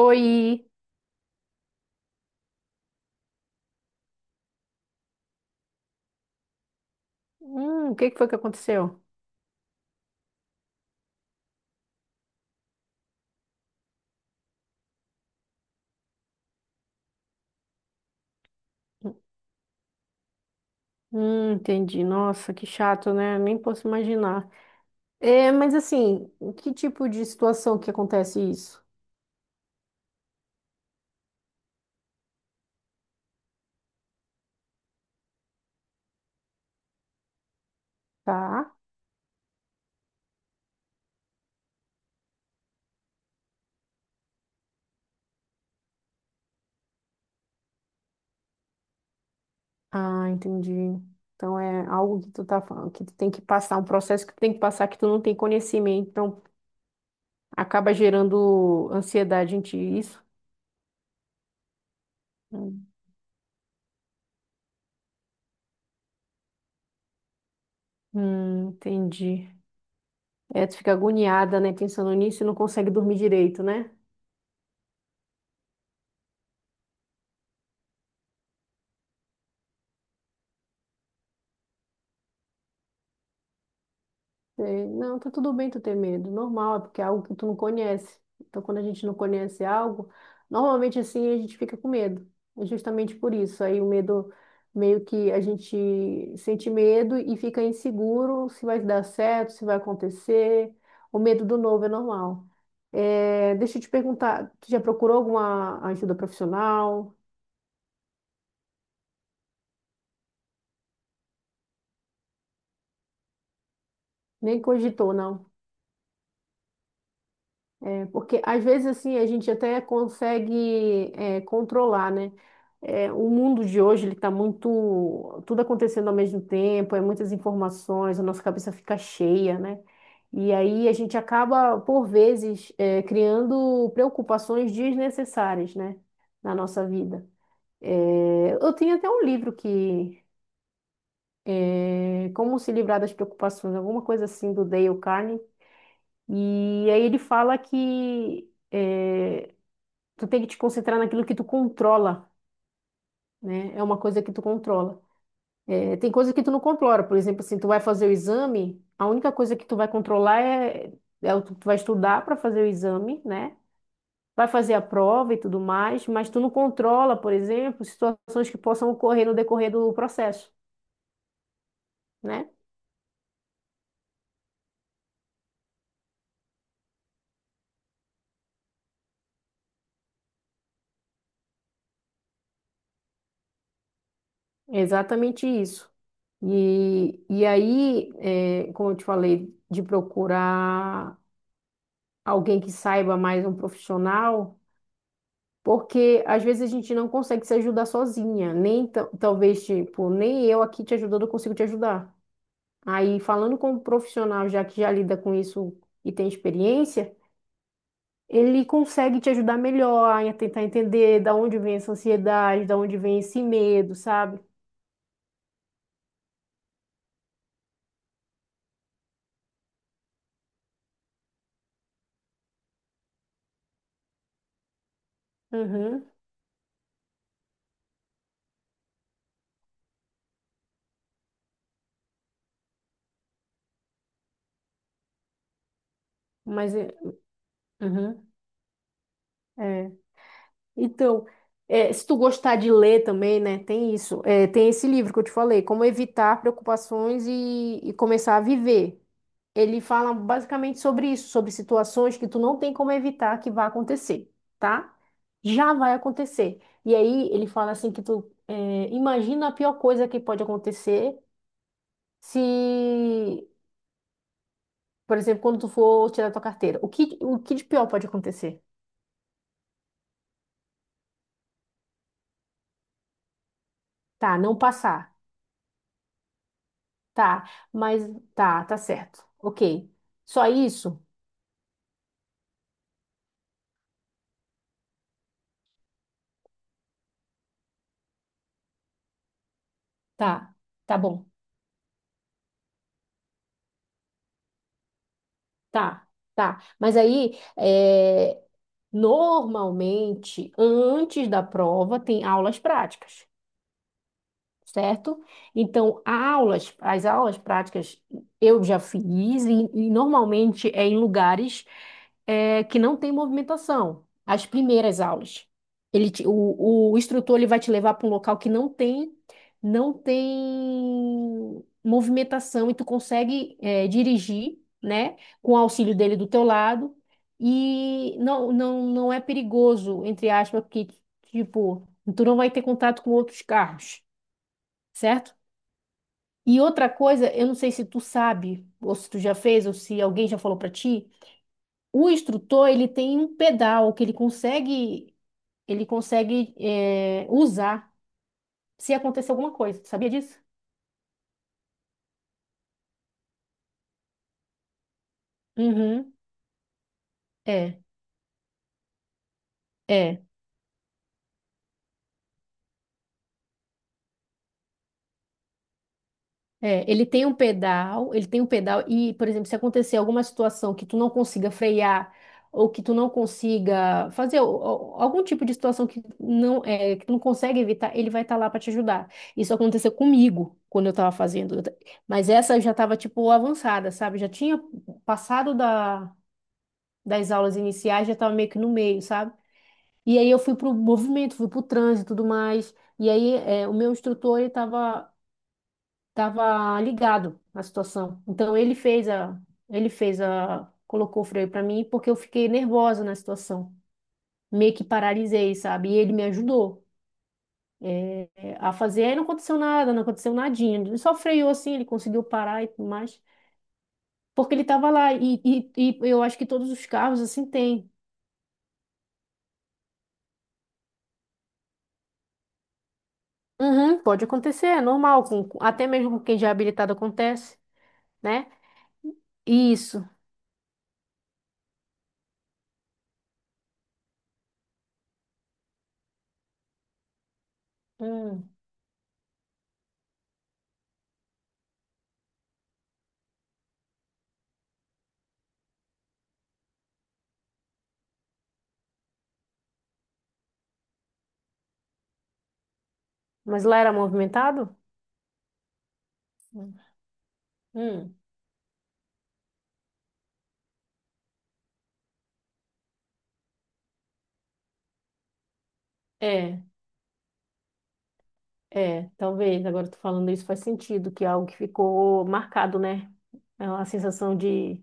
Oi. O que que foi que aconteceu? Entendi. Nossa, que chato, né? Nem posso imaginar. É, mas assim, que tipo de situação que acontece isso? Tá? Ah, entendi. Então é algo que tu tá falando, que tu tem que passar, um processo que tu tem que passar que tu não tem conhecimento, então acaba gerando ansiedade em ti, isso? Hum, entendi. É, tu fica agoniada, né, pensando nisso e não consegue dormir direito, né? Sei. Não, tá tudo bem tu ter medo, normal, é porque é algo que tu não conhece. Então, quando a gente não conhece algo, normalmente assim a gente fica com medo. É justamente por isso. Aí o medo, meio que a gente sente medo e fica inseguro se vai dar certo, se vai acontecer. O medo do novo é normal. É, deixa eu te perguntar, tu já procurou alguma ajuda profissional? Nem cogitou, não? É, porque às vezes assim a gente até consegue controlar, né? É, o mundo de hoje ele está muito tudo acontecendo ao mesmo tempo, é muitas informações, a nossa cabeça fica cheia, né? E aí a gente acaba por vezes criando preocupações desnecessárias, né? Na nossa vida. É, eu tenho até um livro que Como se livrar das preocupações, alguma coisa assim do Dale Carnegie. E aí ele fala que tu tem que te concentrar naquilo que tu controla, né? É uma coisa que tu controla. É, tem coisa que tu não controla, por exemplo, assim, tu vai fazer o exame, a única coisa que tu vai controlar é o que tu vai estudar para fazer o exame, né? Vai fazer a prova e tudo mais, mas tu não controla, por exemplo, situações que possam ocorrer no decorrer do processo, né? É exatamente isso. E aí, é, como eu te falei, de procurar alguém que saiba mais um profissional. Porque às vezes a gente não consegue se ajudar sozinha, nem talvez, tipo, nem eu aqui te ajudando, eu consigo te ajudar. Aí, falando com um profissional já que já lida com isso e tem experiência, ele consegue te ajudar melhor a tentar entender da onde vem essa ansiedade, da onde vem esse medo, sabe? Uhum, mas, uhum, é. Então, é, se tu gostar de ler também, né, tem isso. É, tem esse livro que eu te falei, Como Evitar Preocupações e Começar a Viver. Ele fala basicamente sobre isso, sobre situações que tu não tem como evitar que vá acontecer, tá? Já vai acontecer. E aí ele fala assim que tu imagina a pior coisa que pode acontecer se, por exemplo, quando tu for tirar tua carteira. O que de pior pode acontecer? Tá, não passar. Tá, mas tá, tá certo. Ok. Só isso? Tá, tá bom. Tá, tá. Mas aí, é, normalmente, antes da prova, tem aulas práticas, certo? Então, as aulas práticas eu já fiz e normalmente é em lugares que não tem movimentação. As primeiras aulas, o instrutor ele vai te levar para um local que não tem, não tem movimentação e tu consegue dirigir, né, com o auxílio dele do teu lado e não é perigoso, entre aspas, porque tipo tu não vai ter contato com outros carros, certo? E outra coisa, eu não sei se tu sabe, ou se tu já fez, ou se alguém já falou pra ti, o instrutor, ele tem um pedal que ele consegue usar se acontecer alguma coisa. Tu sabia disso? Uhum. É, é. É, ele tem um pedal, ele tem um pedal e, por exemplo, se acontecer alguma situação que tu não consiga frear ou que tu não consiga fazer algum tipo de situação que não é, que tu não consegue evitar, ele vai estar lá para te ajudar. Isso aconteceu comigo quando eu estava fazendo, mas essa eu já estava tipo avançada, sabe? Já tinha passado das aulas iniciais, já estava meio que no meio, sabe? E aí eu fui pro movimento, fui pro trânsito e tudo mais. E aí, é, o meu instrutor, ele estava ligado à situação. Então ele fez a, colocou o freio para mim porque eu fiquei nervosa na situação. Meio que paralisei, sabe? E ele me ajudou a fazer. Aí não aconteceu nada, não aconteceu nadinha. Ele só freou assim, ele conseguiu parar e tudo mais. Porque ele estava lá. E eu acho que todos os carros assim têm. Uhum, pode acontecer, é normal. Até mesmo com quem já é habilitado acontece, né? Isso. Hum. Mas lá era movimentado? Hum. Hum. É. É, talvez, agora tu falando isso faz sentido, que é algo que ficou marcado, né? É uma sensação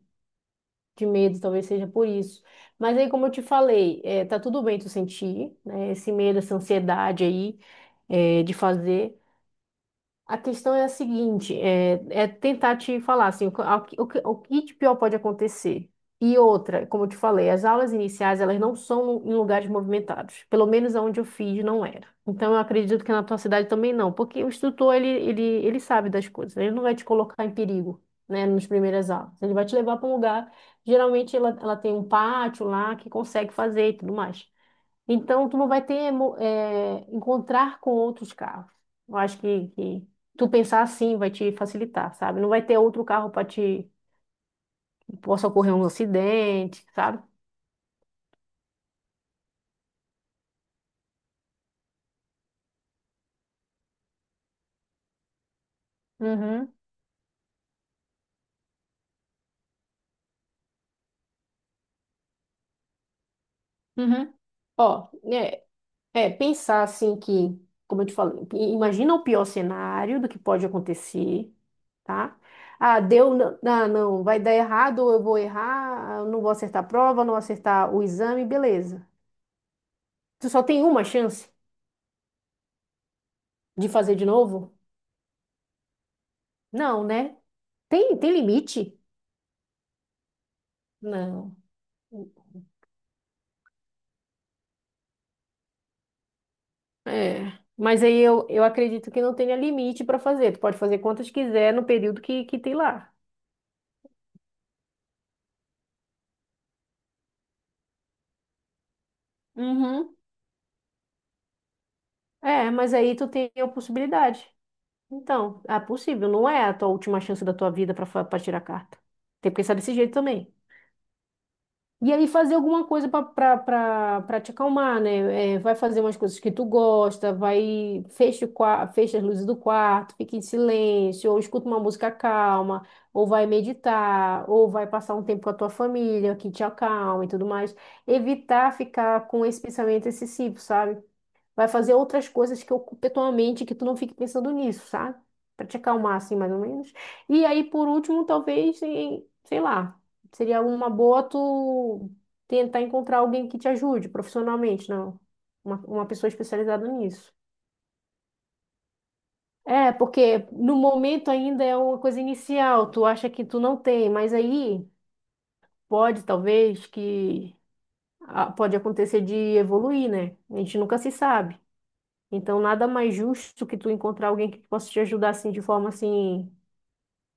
de medo, talvez seja por isso. Mas aí, como eu te falei, é, tá tudo bem tu sentir, né, esse medo, essa ansiedade aí, é, de fazer. A questão é a seguinte, é, é tentar te falar assim, o, que- ao que- o, que o que de pior pode acontecer. E outra, como eu te falei, as aulas iniciais, elas não são em lugares movimentados. Pelo menos onde eu fiz, não era. Então, eu acredito que na tua cidade também não, porque o instrutor, ele sabe das coisas. Ele não vai te colocar em perigo, né, nas primeiras aulas. Ele vai te levar para um lugar, geralmente ela tem um pátio lá que consegue fazer e tudo mais. Então, tu não vai ter encontrar com outros carros. Eu acho que tu pensar assim vai te facilitar, sabe? Não vai ter outro carro para te possa ocorrer um acidente, sabe? Uhum, uhum. Ó, é, é pensar assim que, como eu te falei, imagina o pior cenário do que pode acontecer, tá? Ah, deu, ah, não, vai dar errado, ou eu vou errar, ah, eu não vou acertar a prova, não vou acertar o exame, beleza. Tu só tem uma chance de fazer de novo. Não, né? Tem, tem limite? Não. É. Mas aí eu acredito que não tenha limite para fazer. Tu pode fazer quantas quiser no período que tem lá. Uhum. É, mas aí tu tem a possibilidade. Então, é possível, não é a tua última chance da tua vida para tirar a carta. Tem que pensar desse jeito também. E aí fazer alguma coisa para te acalmar, né? É, vai fazer umas coisas que tu gosta, vai fecha, fecha as luzes do quarto, fica em silêncio, ou escuta uma música calma, ou vai meditar, ou vai passar um tempo com a tua família, que te acalma e tudo mais. Evitar ficar com esse pensamento excessivo, sabe? Vai fazer outras coisas que ocupem tua mente, que tu não fique pensando nisso, sabe? Pra te acalmar, assim, mais ou menos. E aí, por último, talvez, sei lá, seria uma boa tu tentar encontrar alguém que te ajude profissionalmente, não? Uma pessoa especializada nisso. É, porque no momento ainda é uma coisa inicial, tu acha que tu não tem, mas aí pode, talvez, que ah, pode acontecer de evoluir, né? A gente nunca se sabe. Então, nada mais justo que tu encontrar alguém que possa te ajudar assim de forma assim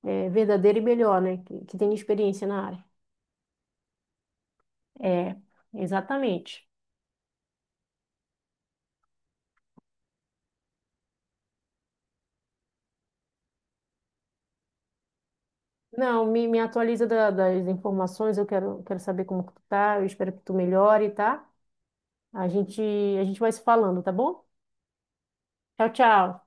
verdadeira e melhor, né? Que tenha experiência na área. É, exatamente. Não, me atualiza das informações, quero saber como que tu tá, eu espero que tu melhore, tá? A gente, a gente vai se falando, tá bom? Tchau, tchau.